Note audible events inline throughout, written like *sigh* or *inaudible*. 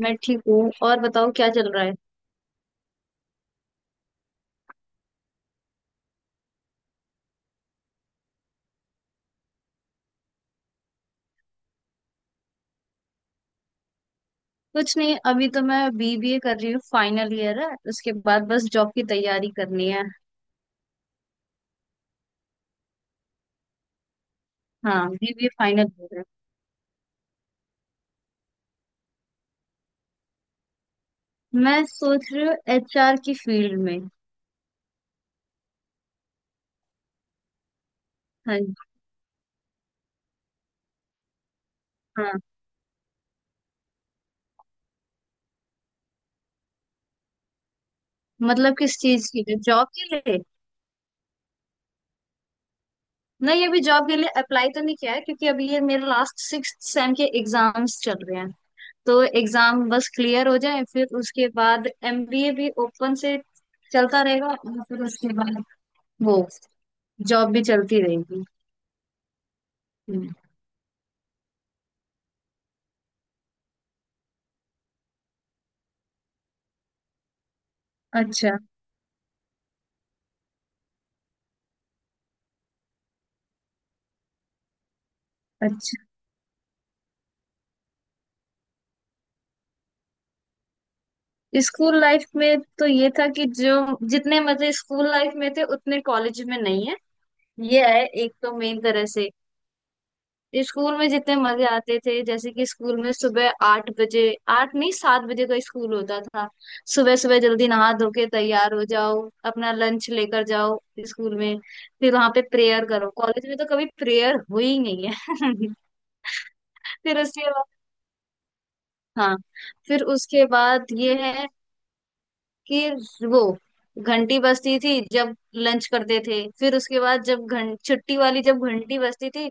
मैं ठीक हूँ और बताओ क्या चल रहा है। कुछ नहीं अभी तो मैं बीबीए कर रही हूँ। फाइनल ईयर है, उसके बाद बस जॉब की तैयारी करनी है। हाँ बीबीए फाइनल ईयर है। मैं सोच रही हूँ एचआर की फील्ड में। हाँ जी, हाँ। मतलब किस चीज के लिए, जॉब के लिए? नहीं अभी जॉब के लिए अप्लाई तो नहीं किया है, क्योंकि अभी ये मेरे लास्ट सिक्स सेम के एग्जाम्स चल रहे हैं। तो एग्जाम बस क्लियर हो जाए, फिर उसके बाद एमबीए भी ओपन से चलता रहेगा। और फिर उसके बाद वो जॉब भी चलती रहेगी। हम्म, अच्छा अच्छा। स्कूल लाइफ में तो ये था कि जो जितने मजे स्कूल लाइफ में थे उतने कॉलेज में नहीं है। ये है एक तो मेन तरह से। स्कूल में जितने मजे आते थे, जैसे कि स्कूल में सुबह 8 बजे, आठ नहीं 7 बजे का स्कूल होता था। सुबह सुबह जल्दी नहा धो के तैयार हो जाओ। अपना लंच लेकर जाओ स्कूल में। फिर वहां पे प्रेयर करो, कॉलेज में तो कभी प्रेयर हुई नहीं है। *laughs* फिर उसके बाद, हाँ, फिर उसके बाद ये है कि वो घंटी बजती थी जब लंच करते थे। फिर उसके बाद जब घं छुट्टी वाली जब घंटी बजती थी,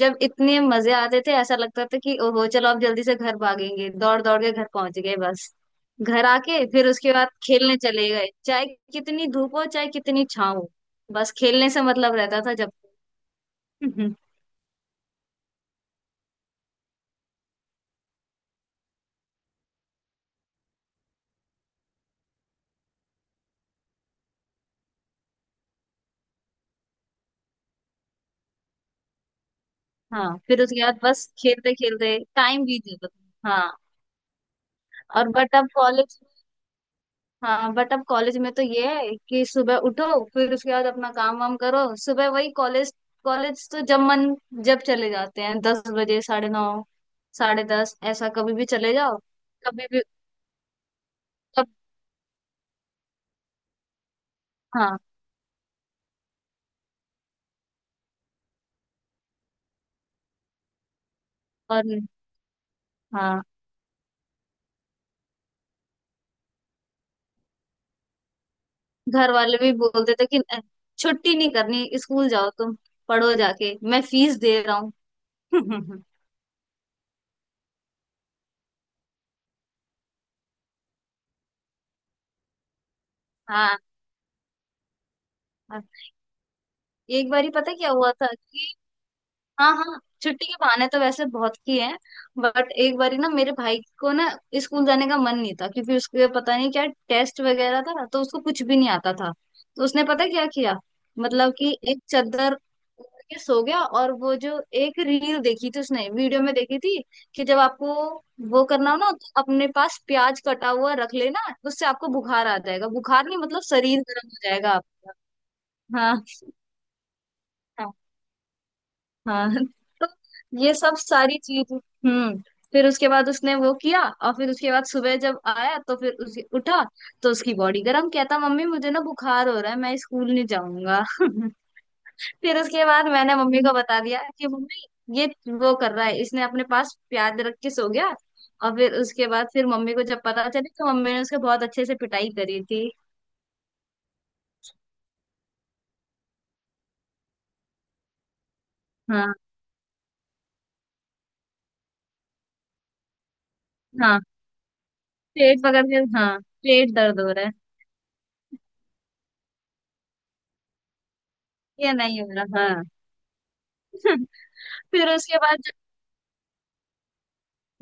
जब इतने मजे आते थे, ऐसा लगता था कि ओहो चलो अब जल्दी से घर भागेंगे। दौड़ दौड़ के घर पहुंच गए बस। घर आके फिर उसके बाद खेलने चले गए, चाहे कितनी धूप हो चाहे कितनी छाँव हो। बस खेलने से मतलब रहता था जब। *laughs* हम्म, हाँ फिर उसके बाद बस खेलते खेलते टाइम बीत जाता था। हाँ। और बट अब कॉलेज हाँ, बट अब कॉलेज में तो ये है कि सुबह उठो, फिर उसके बाद अपना काम वाम करो। सुबह वही कॉलेज। कॉलेज तो जब चले जाते हैं 10 बजे, 9:30, 10:30, ऐसा कभी भी चले जाओ। कभी भी। कब हाँ, और हाँ घर वाले भी बोलते थे कि " छुट्टी नहीं करनी, स्कूल जाओ तुम, पढ़ो जाके, मैं फीस दे रहा हूँ।" *laughs* हाँ हाँ। एक बार ही पता क्या हुआ था कि, हाँ हाँ छुट्टी के बहाने तो वैसे बहुत किए हैं। बट एक बारी ना मेरे भाई को ना, स्कूल जाने का मन नहीं था क्योंकि उसके पता नहीं क्या टेस्ट वगैरह था, तो उसको कुछ भी नहीं आता था। तो उसने पता क्या किया, मतलब कि एक चादर ओढ़ के सो गया। और वो जो एक रील देखी थी उसने, वीडियो में देखी थी, कि जब आपको वो करना हो ना तो अपने पास प्याज कटा हुआ रख लेना, उससे आपको बुखार आ जाएगा, बुखार नहीं मतलब शरीर गर्म हो जाएगा आप। हाँ हाँ। *laughs* तो ये सब सारी चीज। हम्म, फिर उसके बाद उसने वो किया, और फिर उसके बाद सुबह जब आया तो फिर उस उठा। तो उसकी बॉडी गर्म, कहता मम्मी मुझे ना बुखार हो रहा है, मैं स्कूल नहीं जाऊंगा। *laughs* फिर उसके बाद मैंने मम्मी को बता दिया कि मम्मी ये वो कर रहा है, इसने अपने पास प्याज रख के सो गया। और फिर उसके बाद फिर मम्मी को जब पता चली, तो मम्मी ने उसके बहुत अच्छे से पिटाई करी थी। हाँ हाँ, पेट पकड़ के हाँ पेट दर्द हो रहा है, ये नहीं हो रहा हाँ। *laughs* फिर उसके बाद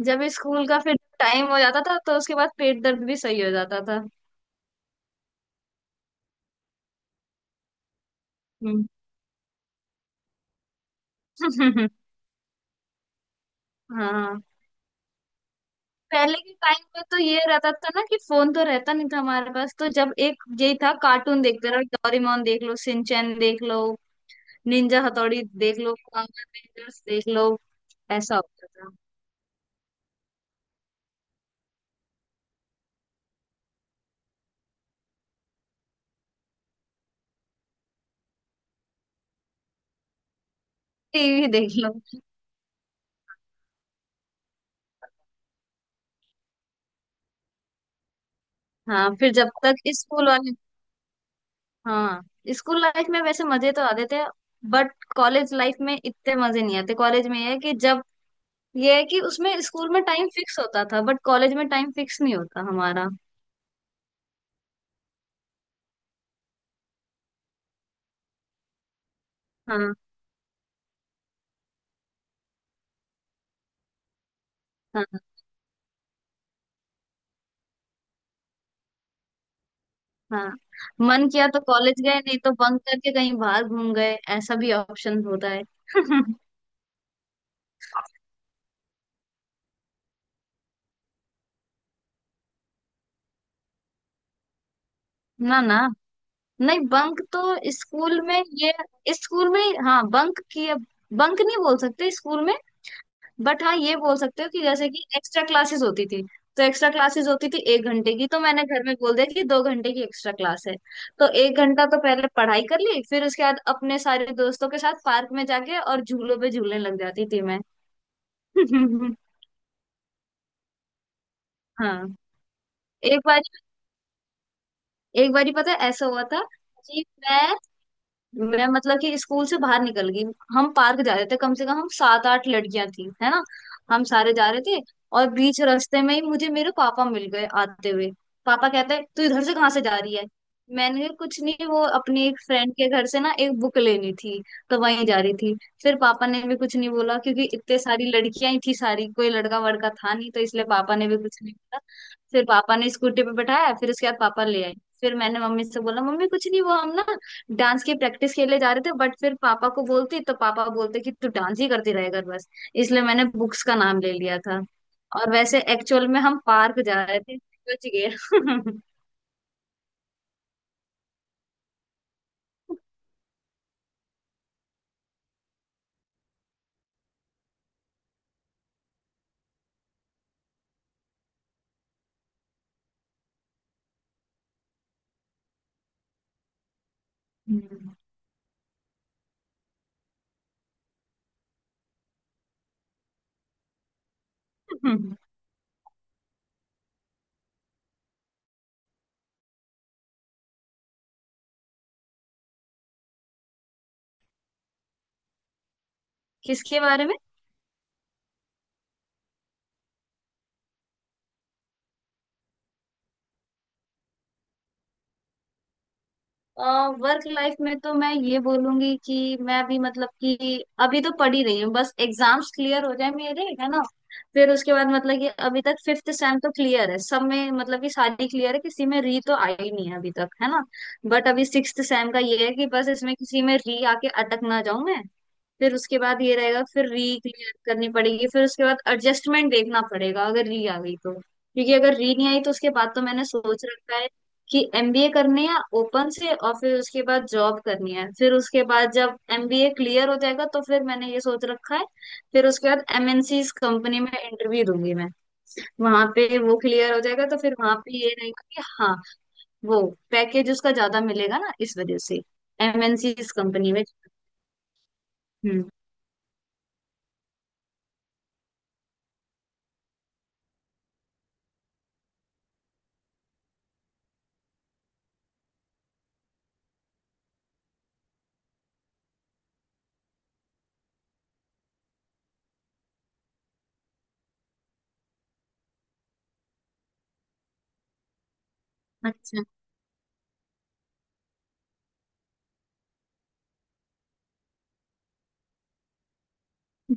जब स्कूल का फिर टाइम हो जाता था, तो उसके बाद पेट दर्द भी सही हो जाता था। हम्म। *laughs* हाँ पहले के टाइम में तो ये रहता था ना कि फोन तो रहता नहीं था हमारे पास, तो जब एक यही था, कार्टून देखते रहो, डोरेमोन देख लो, सिंचैन देख लो, निंजा हथौड़ी देख लो, पावर रेंजर्स देख लो, ऐसा होता था। टीवी देख लो। हाँ फिर जब तक स्कूल वाले, हाँ स्कूल लाइफ में वैसे मजे तो आते थे, बट कॉलेज लाइफ में इतने मजे नहीं आते। कॉलेज में ये है कि जब, ये है कि उसमें स्कूल में टाइम फिक्स होता था, बट कॉलेज में टाइम फिक्स नहीं होता हमारा। हाँ, हाँ, हाँ मन किया तो कॉलेज गए, नहीं तो बंक करके कहीं बाहर घूम गए, ऐसा भी ऑप्शन होता है। *laughs* ना ना, नहीं बंक तो स्कूल में, ये स्कूल में हाँ बंक किया। बंक नहीं बोल सकते स्कूल में, बट हाँ ये बोल सकते हो कि जैसे कि एक्स्ट्रा क्लासेस होती थी। तो एक्स्ट्रा क्लासेस होती थी 1 घंटे की, तो मैंने घर में बोल दिया कि 2 घंटे की एक्स्ट्रा क्लास है। तो 1 घंटा तो पहले पढ़ाई कर ली, फिर उसके बाद अपने सारे दोस्तों के साथ पार्क में जाके और झूलों पे झूलने लग जाती थी मैं। *laughs* हाँ। एक बार एक बारी पता है ऐसा हुआ था कि मैं मतलब कि स्कूल से बाहर निकल गई। हम पार्क जा रहे थे, कम से कम हम 7-8 लड़कियां थी है ना, हम सारे जा रहे थे। और बीच रास्ते में ही मुझे मेरे पापा मिल गए आते हुए। पापा कहते हैं, "तू इधर से कहाँ से जा रही है?" मैंने कहा, "कुछ नहीं, वो अपनी एक फ्रेंड के घर से ना एक बुक लेनी थी, तो वहीं जा रही थी।" फिर पापा ने भी कुछ नहीं बोला, क्योंकि इतने सारी लड़कियां ही थी सारी, कोई लड़का वड़का था नहीं तो, इसलिए पापा ने भी कुछ नहीं बोला। फिर पापा ने स्कूटी पे बैठाया, फिर उसके बाद पापा ले आए। फिर मैंने मम्मी से बोला, "मम्मी कुछ नहीं, वो हम ना डांस की प्रैक्टिस के लिए जा रहे थे।" बट फिर पापा को बोलती तो पापा बोलते कि तू डांस ही करती रहेगा बस, इसलिए मैंने बुक्स का नाम ले लिया था। और वैसे एक्चुअल में हम पार्क जा रहे थे। बच गए। *laughs* हम्म। किसके बारे में? वर्क लाइफ में तो मैं ये बोलूंगी कि मैं भी मतलब कि अभी तो पढ़ ही रही हूँ। बस एग्जाम्स क्लियर हो जाए मेरे, है ना। फिर उसके बाद मतलब कि अभी तक फिफ्थ सेम तो क्लियर है सब में, मतलब कि सारी क्लियर है, किसी में री तो आई नहीं है अभी तक, है ना। बट अभी सिक्स्थ सेम का ये है कि बस इसमें किसी में री आके अटक ना जाऊं मैं। फिर उसके बाद ये रहेगा फिर री क्लियर करनी पड़ेगी, फिर उसके बाद एडजस्टमेंट देखना पड़ेगा अगर री आ गई तो। क्योंकि अगर री नहीं आई तो उसके बाद तो मैंने सोच रखा है कि एमबीए करनी है ओपन से और फिर उसके बाद जॉब करनी है। फिर उसके बाद जब एमबीए क्लियर हो जाएगा तो फिर मैंने ये सोच रखा है, फिर उसके बाद एमएनसी कंपनी में इंटरव्यू दूंगी मैं। वहां पे वो क्लियर हो जाएगा तो फिर वहां पे ये रहेगा कि हाँ, वो पैकेज उसका ज्यादा मिलेगा ना इस वजह से, एमएनसी कंपनी में। हम्म, अच्छा,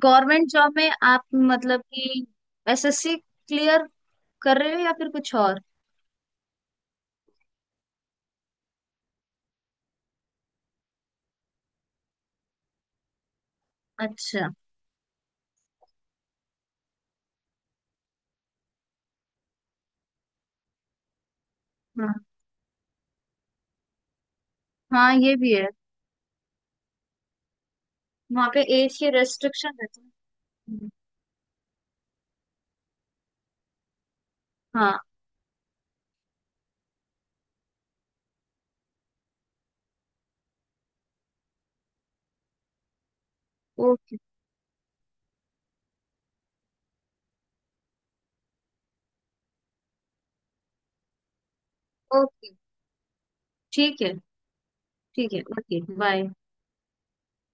गवर्नमेंट जॉब में आप मतलब कि एसएससी क्लियर कर रहे हो या फिर कुछ और? अच्छा, हाँ हाँ ये भी है, वहाँ पे एज की रेस्ट्रिक्शन रहती है। हाँ। ओके। ओके। ठीक है। ठीक है ओके, बाय।